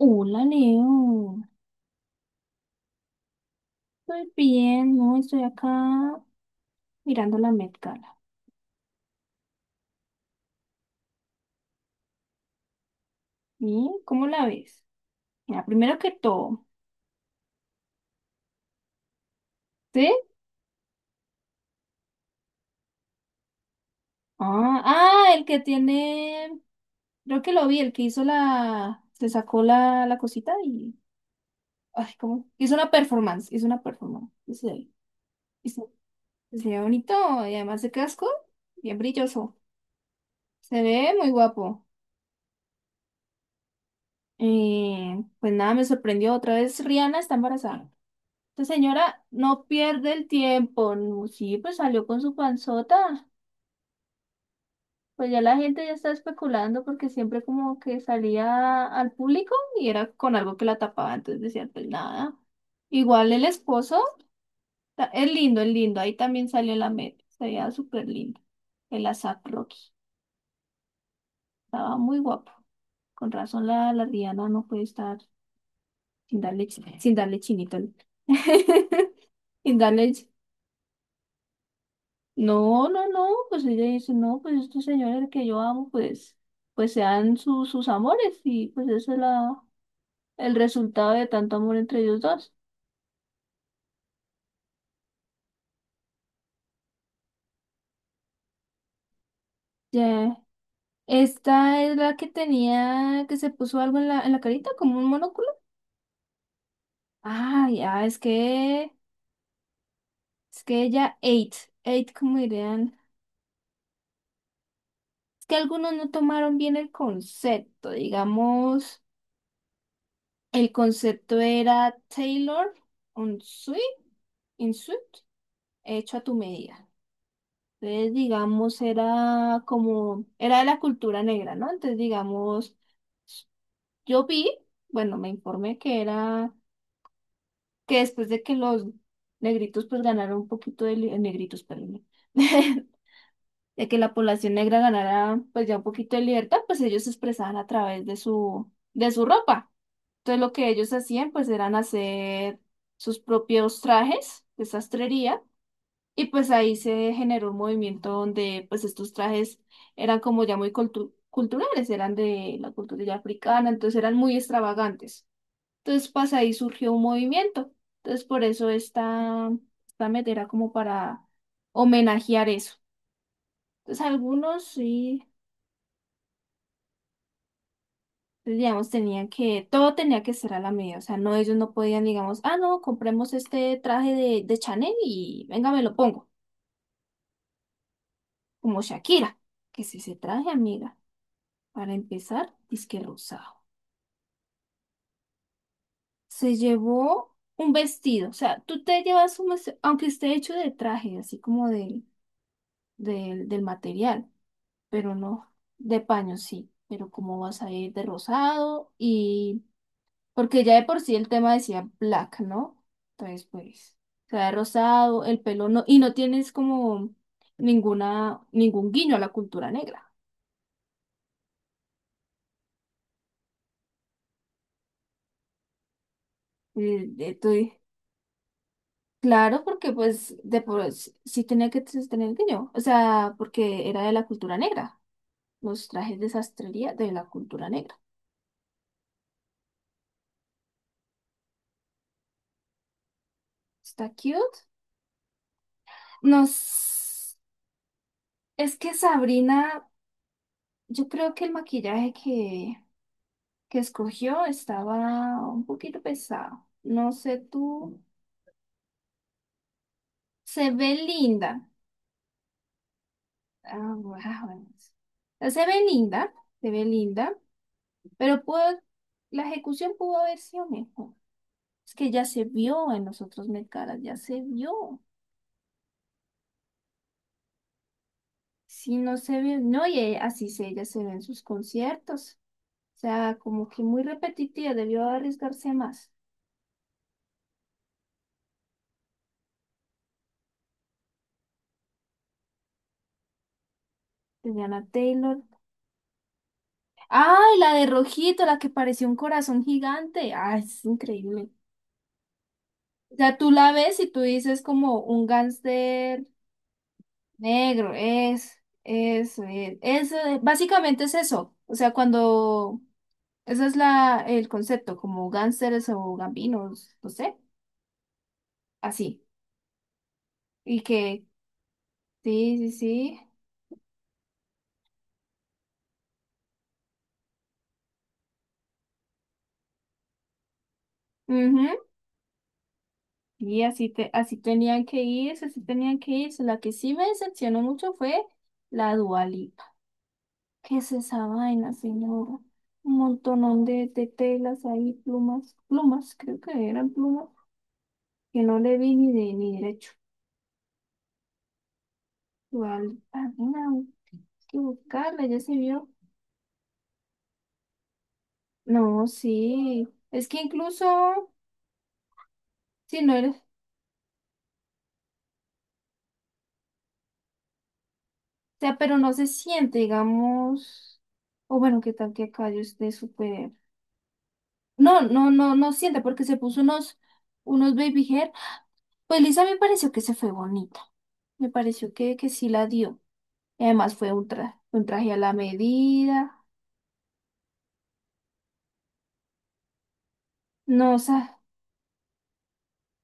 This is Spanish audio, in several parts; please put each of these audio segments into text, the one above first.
Hola Leo, estoy bien, ¿no? Estoy acá mirando la Met Gala. ¿Y cómo la ves? Mira, primero que todo, ¿sí? El que tiene, creo que lo vi, el que hizo se sacó la cosita y, ay, ¿cómo? Hizo una performance, hizo una performance. Sí, hizo- se ve bonito y además de casco, bien brilloso. Se ve muy guapo. Pues nada, me sorprendió otra vez, Rihanna está embarazada. Esta señora no pierde el tiempo. No, sí, pues salió con su panzota. Pues ya la gente ya está especulando porque siempre como que salía al público y era con algo que la tapaba, entonces decían, pues nada. Igual el esposo, es lindo, es lindo. Ahí también salió en la media. Se veía súper lindo. El ASAP Rocky. Estaba muy guapo. Con razón la Rihanna no puede estar sin darle chinito, al- sin darle No, pues ella dice, no, pues estos señores que yo amo, pues, pues sean sus amores y pues ese es la, el resultado de tanto amor entre ellos dos. Ya. Esta es la que tenía, que se puso algo en la carita, como un monóculo. Ah, ya, es que ella ate, ate como dirían. Es que algunos no tomaron bien el concepto, digamos, el concepto era Taylor on suit, in suit, hecho a tu medida. Entonces, digamos, era como, era de la cultura negra, ¿no? Entonces, digamos, yo vi, bueno, me informé que era, que después de que los negritos pues ganaron un poquito de, negritos, perdón, de que la población negra ganara pues ya un poquito de libertad, pues ellos se expresaban a través de de su ropa. Entonces, lo que ellos hacían pues eran hacer sus propios trajes de sastrería. Y pues ahí se generó un movimiento donde pues estos trajes eran como ya muy culturales, eran de la cultura ya africana, entonces eran muy extravagantes. Entonces pues ahí surgió un movimiento. Entonces por eso esta meta era como para homenajear eso. Entonces algunos sí, pues, digamos, tenían que, todo tenía que ser a la medida, o sea, no, ellos no podían, digamos, ah, no, compremos este traje de Chanel y venga, me lo pongo, como Shakira, que si se traje, amiga. Para empezar, disque rosado. Se llevó un vestido, o sea, tú te llevas un vestido, aunque esté hecho de traje, así como del material, pero no de paño, sí. Pero cómo vas a ir de rosado y... Porque ya de por sí el tema decía black, ¿no? Entonces, pues, o sea, de rosado, el pelo no, y no tienes como ningún guiño a la cultura negra. Eh, eh, tú- Claro, porque pues de por sí sí tenía que tener que yo, o sea, porque era de la cultura negra, los trajes de sastrería de la cultura negra. Está cute. Nos, es que Sabrina, yo creo que el maquillaje que escogió estaba un poquito pesado. No sé tú, se ve linda. Ah, bueno. Ah, bueno. Se ve linda, se ve linda, pero la ejecución pudo haber sido mejor. Es que ya se vio en los otros Met Galas, ya se vio. Si no se vio, no, y así se, ella se ve en sus conciertos. O sea, como que muy repetitiva, debió arriesgarse más. Tenían a Taylor. ¡Ay, la de rojito, la que parecía un corazón gigante! ¡Ay, es increíble! O sea, tú la ves y tú dices como un gángster negro, es, eso, es, básicamente es eso. O sea, cuando ese es la, el concepto, como gánsteres o gambinos, no sé, así. Y que, sí, sí, sí. Ujú, y así, te, así tenían que irse, así tenían que irse. La que sí me decepcionó mucho fue la Dua Lipa. ¿Qué es esa vaina, señora? Un montonón de telas ahí, plumas, plumas, creo que eran plumas, que no le vi ni de ni derecho. Dua Lipa, mira, hay que buscarla ya se vio. No, sí. Es que incluso... si no eres. O sea, pero no se siente, digamos, o bueno, qué tal que acá yo esté súper. No, no siente porque se puso unos baby hair. Pues Lisa me pareció que se fue bonita. Me pareció que sí la dio. Y además fue un, un traje a la medida. No, o sea,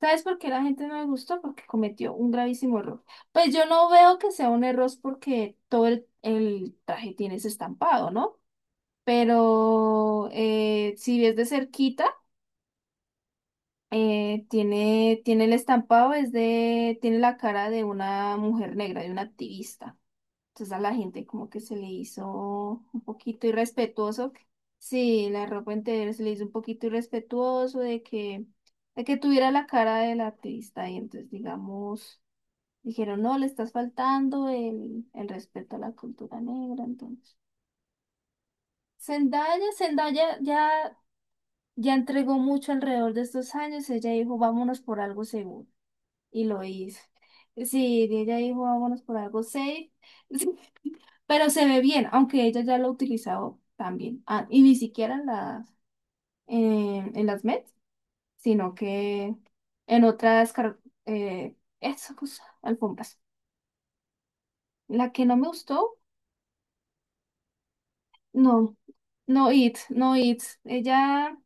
¿sabes por qué la gente no me gustó? Porque cometió un gravísimo error. Pues yo no veo que sea un error porque todo el traje tiene ese estampado, ¿no? Pero si ves de cerquita. Tiene el estampado, es de, tiene la cara de una mujer negra, de una activista. Entonces a la gente como que se le hizo un poquito irrespetuoso. Sí, la ropa entera se le hizo un poquito irrespetuoso de que tuviera la cara de la activista. Y entonces, digamos, dijeron, no, le estás faltando el respeto a la cultura negra. Entonces, Zendaya ya entregó mucho alrededor de estos años. Ella dijo, vámonos por algo seguro. Y lo hizo. Sí, y ella dijo, vámonos por algo safe. pero se ve bien, aunque ella ya lo ha utilizado también. Ah, y ni siquiera en las Met, sino que en otras car- eso, pues, alfombras. La que no me gustó, no, no it, no it. Ella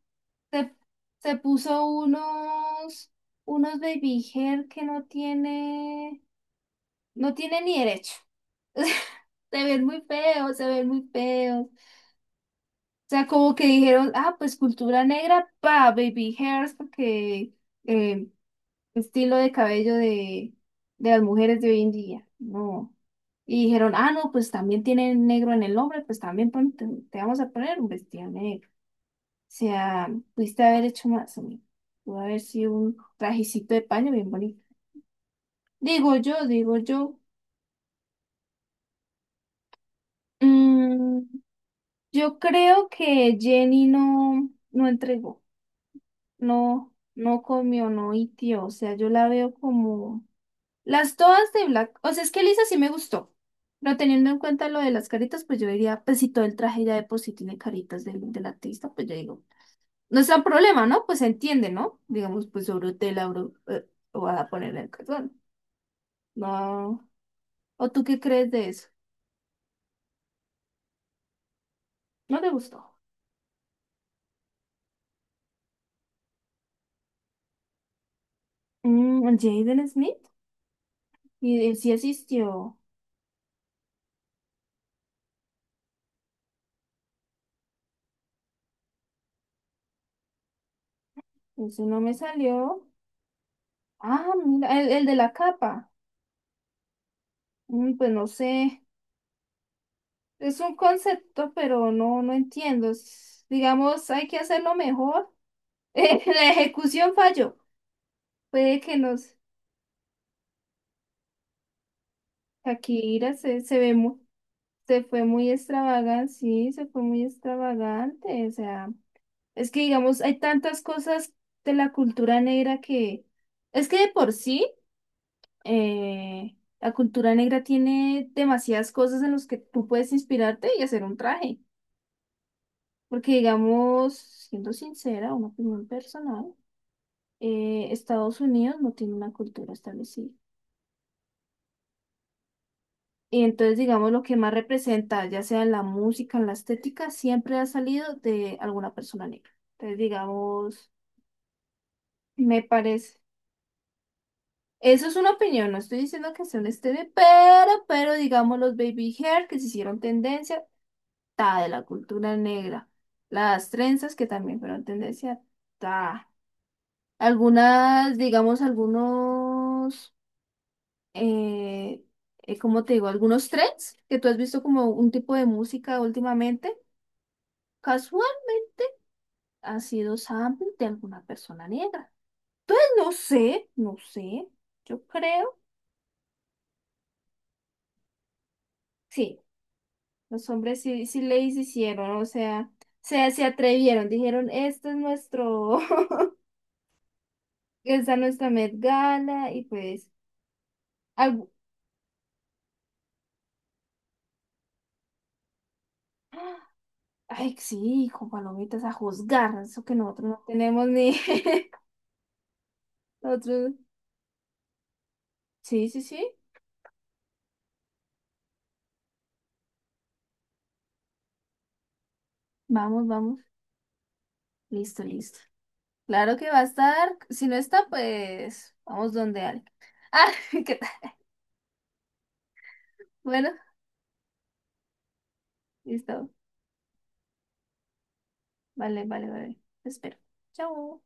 se, se puso unos baby hair que no tiene. No tiene ni derecho. Se ven muy feos, se ven muy feos. O sea, como que dijeron, ah, pues cultura negra, pa, baby hairs, porque eh, estilo de cabello de las mujeres de hoy en día. No. Y dijeron, ah, no, pues también tienen negro en el hombre, pues también te vamos a poner un vestido negro. O sea, pudiste haber hecho más, amigo. Pudo haber sido un trajecito de paño bien bonito. Digo yo, digo yo. Mm, Yo creo que Jenny no, no entregó, no, no comió, no hitió. O sea, yo la veo como las todas de Black. O sea, es que Lisa sí me gustó. Pero teniendo en cuenta lo de las caritas, pues yo diría, pues si todo el traje ya de por sí tiene caritas del artista, pues yo digo, no es tan problema, ¿no? Pues se entiende, ¿no? Digamos, pues sobre tela, bro, voy a ponerle el cartón. No. ¿O tú qué crees de eso? ¿No te gustó? Mm, Jaden Smith. Y él sí asistió. Eso no me salió. Ah, mira, el de la capa. Mm, pues no sé, es un concepto, pero no, no entiendo. Digamos, hay que hacerlo mejor. La ejecución falló. Puede que nos... Shakira se fue muy extravagante, sí, se fue muy extravagante. O sea, es que digamos, hay tantas cosas de la cultura negra que... Es que de por sí, la cultura negra tiene demasiadas cosas en las que tú puedes inspirarte y hacer un traje. Porque, digamos, siendo sincera, una opinión personal, Estados Unidos no tiene una cultura establecida. Y entonces, digamos, lo que más representa, ya sea en la música, en la estética, siempre ha salido de alguna persona negra. Entonces, digamos, me parece. Eso es una opinión, no estoy diciendo que sea un estéreo, pero, digamos, los baby hair que se hicieron tendencia, ta, de la cultura negra. Las trenzas que también fueron tendencia, ta. Algunas, digamos, algunos, eh, ¿cómo te digo? Algunos trends que tú has visto como un tipo de música últimamente, casualmente ha sido sample de alguna persona negra. No sé, no sé, yo creo. Sí, los hombres sí, sí le hicieron, o sea, se atrevieron, dijeron, este es nuestro, esta es nuestra Met Gala y pues... algo- Ay, sí, con palomitas a juzgar, eso que nosotros no tenemos ni. Otro. Sí, sí, sí. Vamos, vamos. Listo, listo. Claro que va a estar. Si no está, pues vamos donde alguien. Ah, ¿qué tal? Bueno, listo. Vale, vale, vale. Te espero. Chao.